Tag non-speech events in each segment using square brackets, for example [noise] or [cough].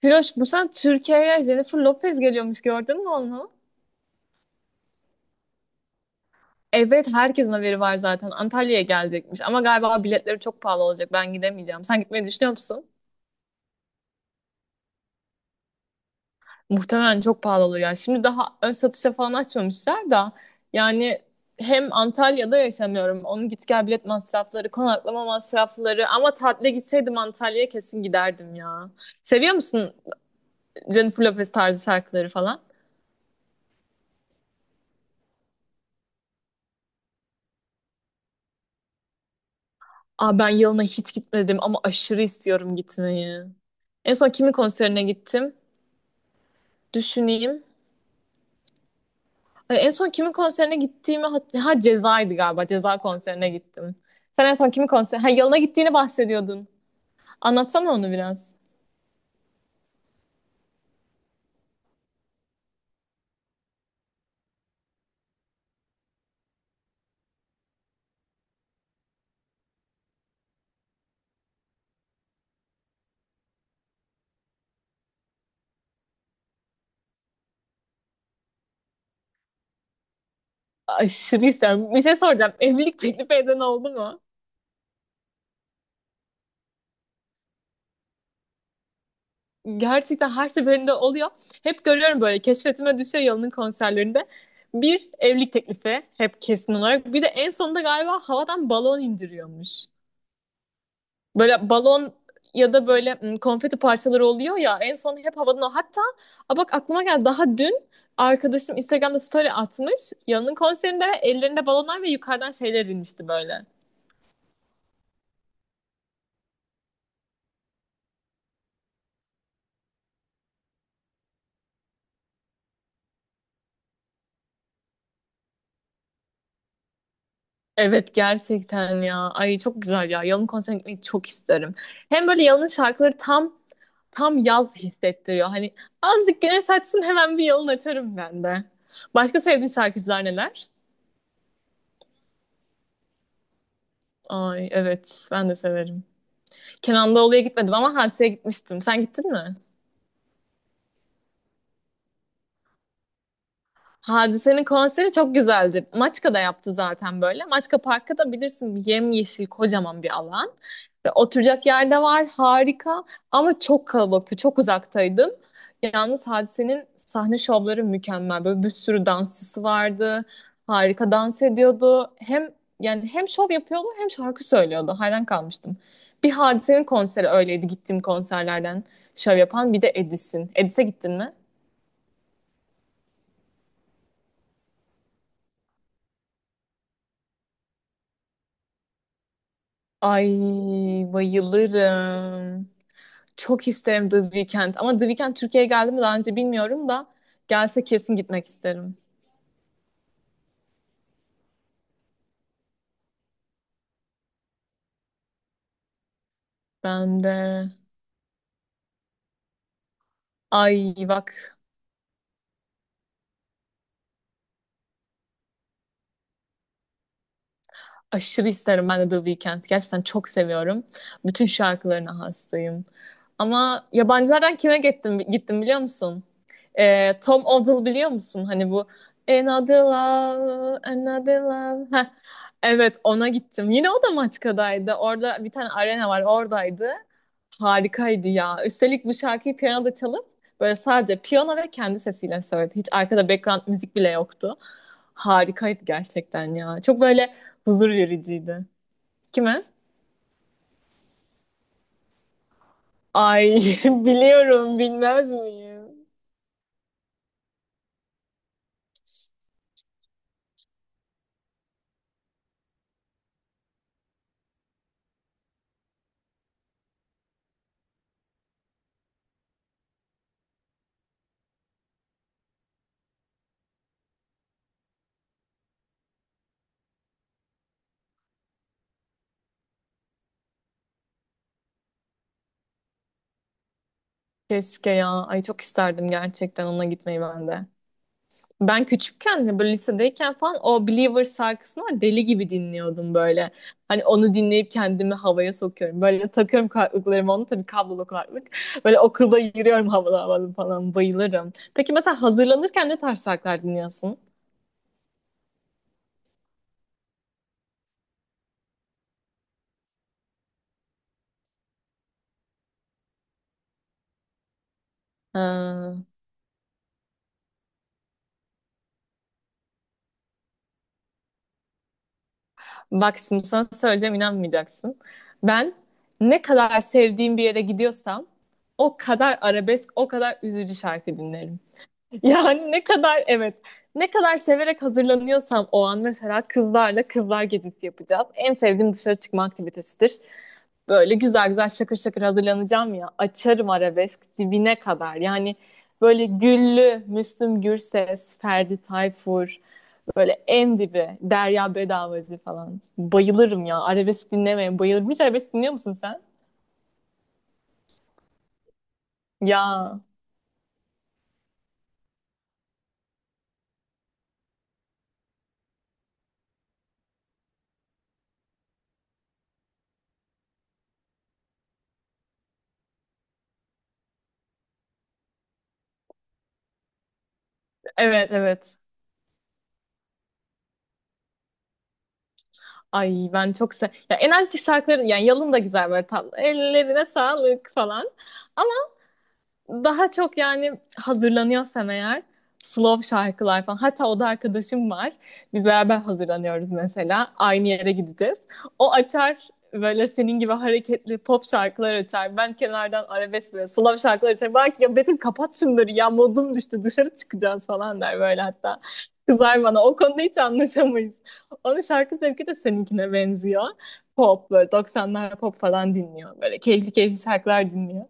Firoş, bu sene Türkiye'ye Jennifer Lopez geliyormuş, gördün mü onu? Evet, herkesin haberi var zaten. Antalya'ya gelecekmiş ama galiba biletleri çok pahalı olacak. Ben gidemeyeceğim. Sen gitmeyi düşünüyor musun? Muhtemelen çok pahalı olur ya. Şimdi daha ön satışa falan açmamışlar da yani hem Antalya'da yaşamıyorum. Onun git gel bilet masrafları, konaklama masrafları ama tatile gitseydim Antalya'ya kesin giderdim ya. Seviyor musun Jennifer Lopez tarzı şarkıları falan? Aa, ben yılına hiç gitmedim ama aşırı istiyorum gitmeyi. En son kimin konserine gittim? Düşüneyim. Ay, en son kimin konserine gittiğimi ha, Ceza'ydı galiba. Ceza konserine gittim. Sen en son kimin konser ha yılına gittiğini bahsediyordun. Anlatsana onu biraz. Aşırı istiyorum. Bir şey soracağım. Evlilik teklifi eden oldu mu? Gerçekten her seferinde oluyor. Hep görüyorum, böyle keşfetime düşüyor Yalın'ın konserlerinde. Bir evlilik teklifi hep kesin olarak. Bir de en sonunda galiba havadan balon indiriyormuş. Böyle balon ya da böyle konfeti parçaları oluyor ya en son hep havadan o. Hatta a bak, aklıma geldi, daha dün arkadaşım Instagram'da story atmış. Yanın konserinde ellerinde balonlar ve yukarıdan şeyler inmişti böyle. Evet, gerçekten ya. Ay, çok güzel ya. Yalın konserine gitmeyi çok isterim. Hem böyle Yalın'ın şarkıları tam yaz hissettiriyor. Hani azıcık güneş açsın, hemen bir Yalın açarım ben de. Başka sevdiğin şarkıcılar neler? Ay evet, ben de severim. Kenan Doğulu'ya gitmedim ama Hatice'ye gitmiştim. Sen gittin mi? Hadise'nin konseri çok güzeldi. Maçka'da yaptı zaten böyle. Maçka Park'ta da bilirsin, yemyeşil kocaman bir alan. Ve oturacak yerde var, harika ama çok kalabalıktı, çok uzaktaydım. Yalnız Hadise'nin sahne şovları mükemmel. Böyle bir sürü dansçısı vardı. Harika dans ediyordu. Hem yani hem şov yapıyordu hem şarkı söylüyordu. Hayran kalmıştım. Bir Hadise'nin konseri öyleydi gittiğim konserlerden şov yapan. Bir de Edis'in. Edis'e gittin mi? Ay, bayılırım. Çok isterim The Weeknd. Ama The Weeknd Türkiye'ye geldi mi daha önce bilmiyorum da, gelse kesin gitmek isterim. Ben de. Ay bak, aşırı isterim ben de The Weeknd. Gerçekten çok seviyorum. Bütün şarkılarına hastayım. Ama yabancılardan kime gittim, gittim biliyor musun? Tom Odell biliyor musun? Hani bu Another Love, Another Love. [laughs] Heh. Evet, ona gittim. Yine o da Maçka'daydı. Orada bir tane arena var, oradaydı. Harikaydı ya. Üstelik bu şarkıyı piyanoda çalıp böyle sadece piyano ve kendi sesiyle söyledi. Hiç arkada background müzik bile yoktu. Harikaydı gerçekten ya. Çok böyle huzur vericiydi. Kime? Ay, [laughs] biliyorum, bilmez miyim? Keşke ya. Ay çok isterdim gerçekten ona gitmeyi ben de. Ben küçükken hani böyle lisedeyken falan o Believer şarkısını var, deli gibi dinliyordum böyle. Hani onu dinleyip kendimi havaya sokuyorum. Böyle takıyorum kulaklıklarımı, onu tabii, kablolu kulaklık. Böyle okulda yürüyorum havalı havalı falan, bayılırım. Peki mesela hazırlanırken ne tarz şarkılar dinliyorsun? Ha, bak şimdi sana söyleyeceğim, inanmayacaksın. Ben ne kadar sevdiğim bir yere gidiyorsam o kadar arabesk, o kadar üzücü şarkı dinlerim. Yani ne kadar evet, ne kadar severek hazırlanıyorsam o an, mesela kızlarla kızlar gecesi yapacağız. En sevdiğim dışarı çıkma aktivitesidir. Böyle güzel güzel şakır şakır hazırlanacağım ya, açarım arabesk dibine kadar. Yani böyle Güllü, Müslüm Gürses, Ferdi Tayfur, böyle en dibi Derya Bedavacı falan. Bayılırım ya, arabesk dinlemeye bayılırım. Hiç arabesk dinliyor musun sen? Ya evet, evet. Ay, ben çok se, ya enerjik şarkıları, yani Yalın da güzel böyle, tatlı. Ellerine sağlık falan, daha çok yani hazırlanıyorsam eğer slow şarkılar falan. Hatta o da arkadaşım var. Biz beraber hazırlanıyoruz mesela. Aynı yere gideceğiz. O açar böyle senin gibi hareketli pop şarkılar açar. Ben kenardan arabesk, böyle slow şarkılar açar. Belki ya Betül kapat şunları ya, modum düştü, dışarı çıkacağız falan der böyle, hatta. Kızar bana, o konuda hiç anlaşamayız. Onun şarkı zevki de seninkine benziyor. Pop, böyle 90'lar pop falan dinliyor. Böyle keyifli keyifli şarkılar dinliyor.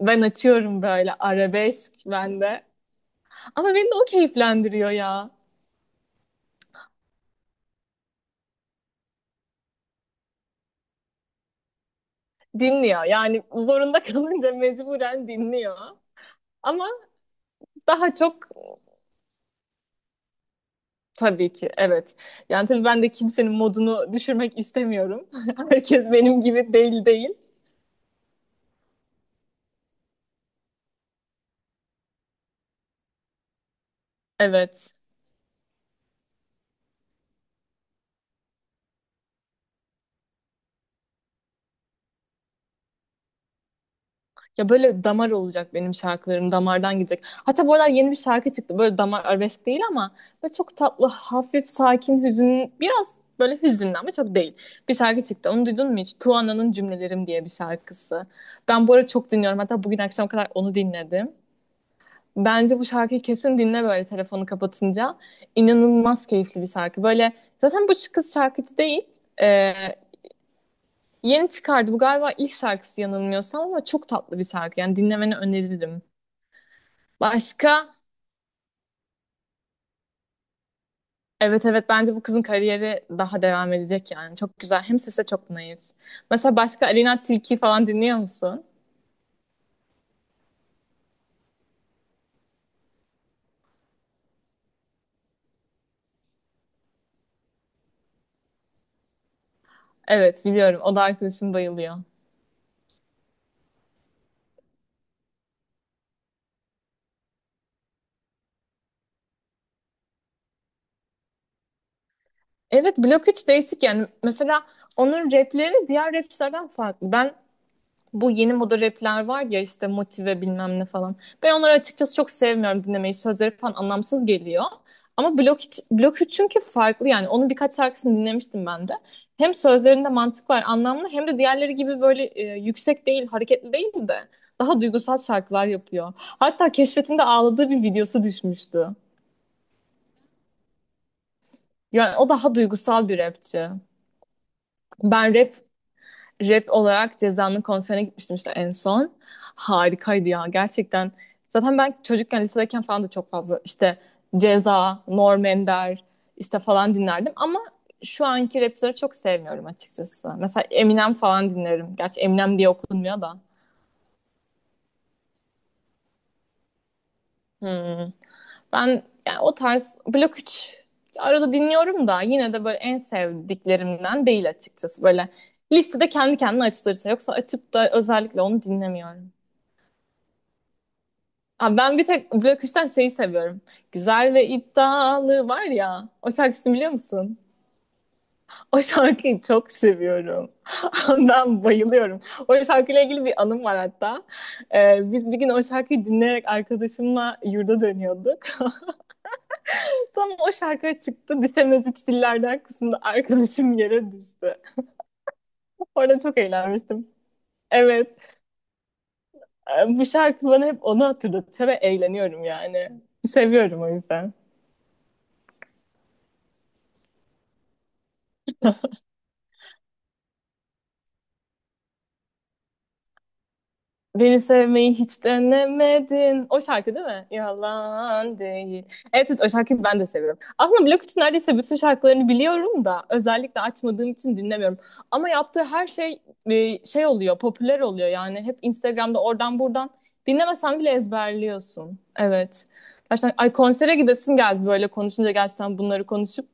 Ben açıyorum böyle arabesk bende. Ama beni de o keyiflendiriyor ya. Dinliyor. Yani zorunda [laughs] kalınca mecburen dinliyor. Ama daha çok, tabii ki evet. Yani tabii ben de kimsenin modunu düşürmek istemiyorum. [laughs] Herkes benim gibi değil. Evet. Ya böyle damar olacak benim şarkılarım. Damardan gidecek. Hatta bu aralar yeni bir şarkı çıktı. Böyle damar arabesk değil ama böyle çok tatlı, hafif, sakin, hüzün. Biraz böyle hüzünlü ama çok değil. Bir şarkı çıktı. Onu duydun mu hiç? Tuana'nın Cümlelerim diye bir şarkısı. Ben bu ara çok dinliyorum. Hatta bugün akşam kadar onu dinledim. Bence bu şarkıyı kesin dinle böyle telefonu kapatınca. İnanılmaz keyifli bir şarkı. Böyle zaten bu kız şarkıcı değil. Ee, Yeni çıkardı. Bu galiba ilk şarkısı yanılmıyorsam ama çok tatlı bir şarkı. Yani dinlemeni öneririm. Başka? Evet, evet, bence bu kızın kariyeri daha devam edecek yani. Çok güzel. Hem sese çok naif. Mesela başka Alina Tilki falan dinliyor musun? Evet, biliyorum. O da arkadaşım bayılıyor. Evet, Blok 3 değişik yani. Mesela onun rapleri diğer rapçilerden farklı. Ben bu yeni moda rapler var ya, işte motive bilmem ne falan. Ben onları açıkçası çok sevmiyorum dinlemeyi. Sözleri falan anlamsız geliyor. Ama Blok 3 çünkü farklı yani. Onun birkaç şarkısını dinlemiştim ben de. Hem sözlerinde mantık var, anlamlı, hem de diğerleri gibi böyle yüksek değil, hareketli değil de daha duygusal şarkılar yapıyor. Hatta keşfetimde ağladığı bir videosu düşmüştü. Yani o daha duygusal bir rapçi. Rap Rap olarak Ceza'nın konserine gitmiştim işte en son. Harikaydı ya gerçekten. Zaten ben çocukken lisedeyken falan da çok fazla işte Ceza, Norm Ender işte falan dinlerdim ama şu anki rapçileri çok sevmiyorum açıkçası. Mesela Eminem falan dinlerim. Gerçi Eminem diye okunmuyor da. Hmm. Ben yani o tarz Blok 3 arada dinliyorum da yine de böyle en sevdiklerimden değil açıkçası. Böyle listede kendi kendine açılırsa, yoksa açıp da özellikle onu dinlemiyorum. Abi ben bir tek Blok üçten şeyi seviyorum. Güzel ve iddialı var ya. O şarkısını biliyor musun? O şarkıyı çok seviyorum. [laughs] Ben bayılıyorum. O şarkıyla ilgili bir anım var hatta. Biz bir gün o şarkıyı dinleyerek arkadaşımla yurda dönüyorduk. [laughs] Tam o şarkı çıktı. Bitemez üç dillerden kısımda arkadaşım yere düştü. [laughs] Orada çok eğlenmiştim. Evet. Bu şarkı bana hep onu hatırlatıyor ve eğleniyorum yani. Seviyorum o yüzden. Beni sevmeyi hiç denemedin. O şarkı değil mi? Yalan değil. Evet, evet, o şarkıyı ben de seviyorum. Aslında Blok için neredeyse bütün şarkılarını biliyorum da özellikle açmadığım için dinlemiyorum. Ama yaptığı her şey şey oluyor, popüler oluyor yani. Hep Instagram'da oradan buradan dinlemesen bile ezberliyorsun. Evet. Gerçekten ay, konsere gidesim geldi böyle konuşunca, gerçekten bunları konuşup.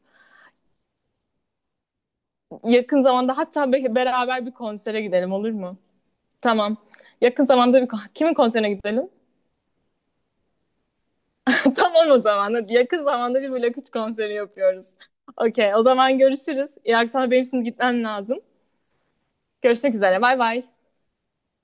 Yakın zamanda hatta beraber bir konsere gidelim, olur mu? Tamam. Yakın zamanda bir kimin konserine gidelim? [laughs] Tamam, o zaman. Yakın zamanda bir Blok 3 konseri yapıyoruz. Okey, o zaman görüşürüz. İyi akşamlar. Benim şimdi gitmem lazım. Görüşmek üzere. Bay bay.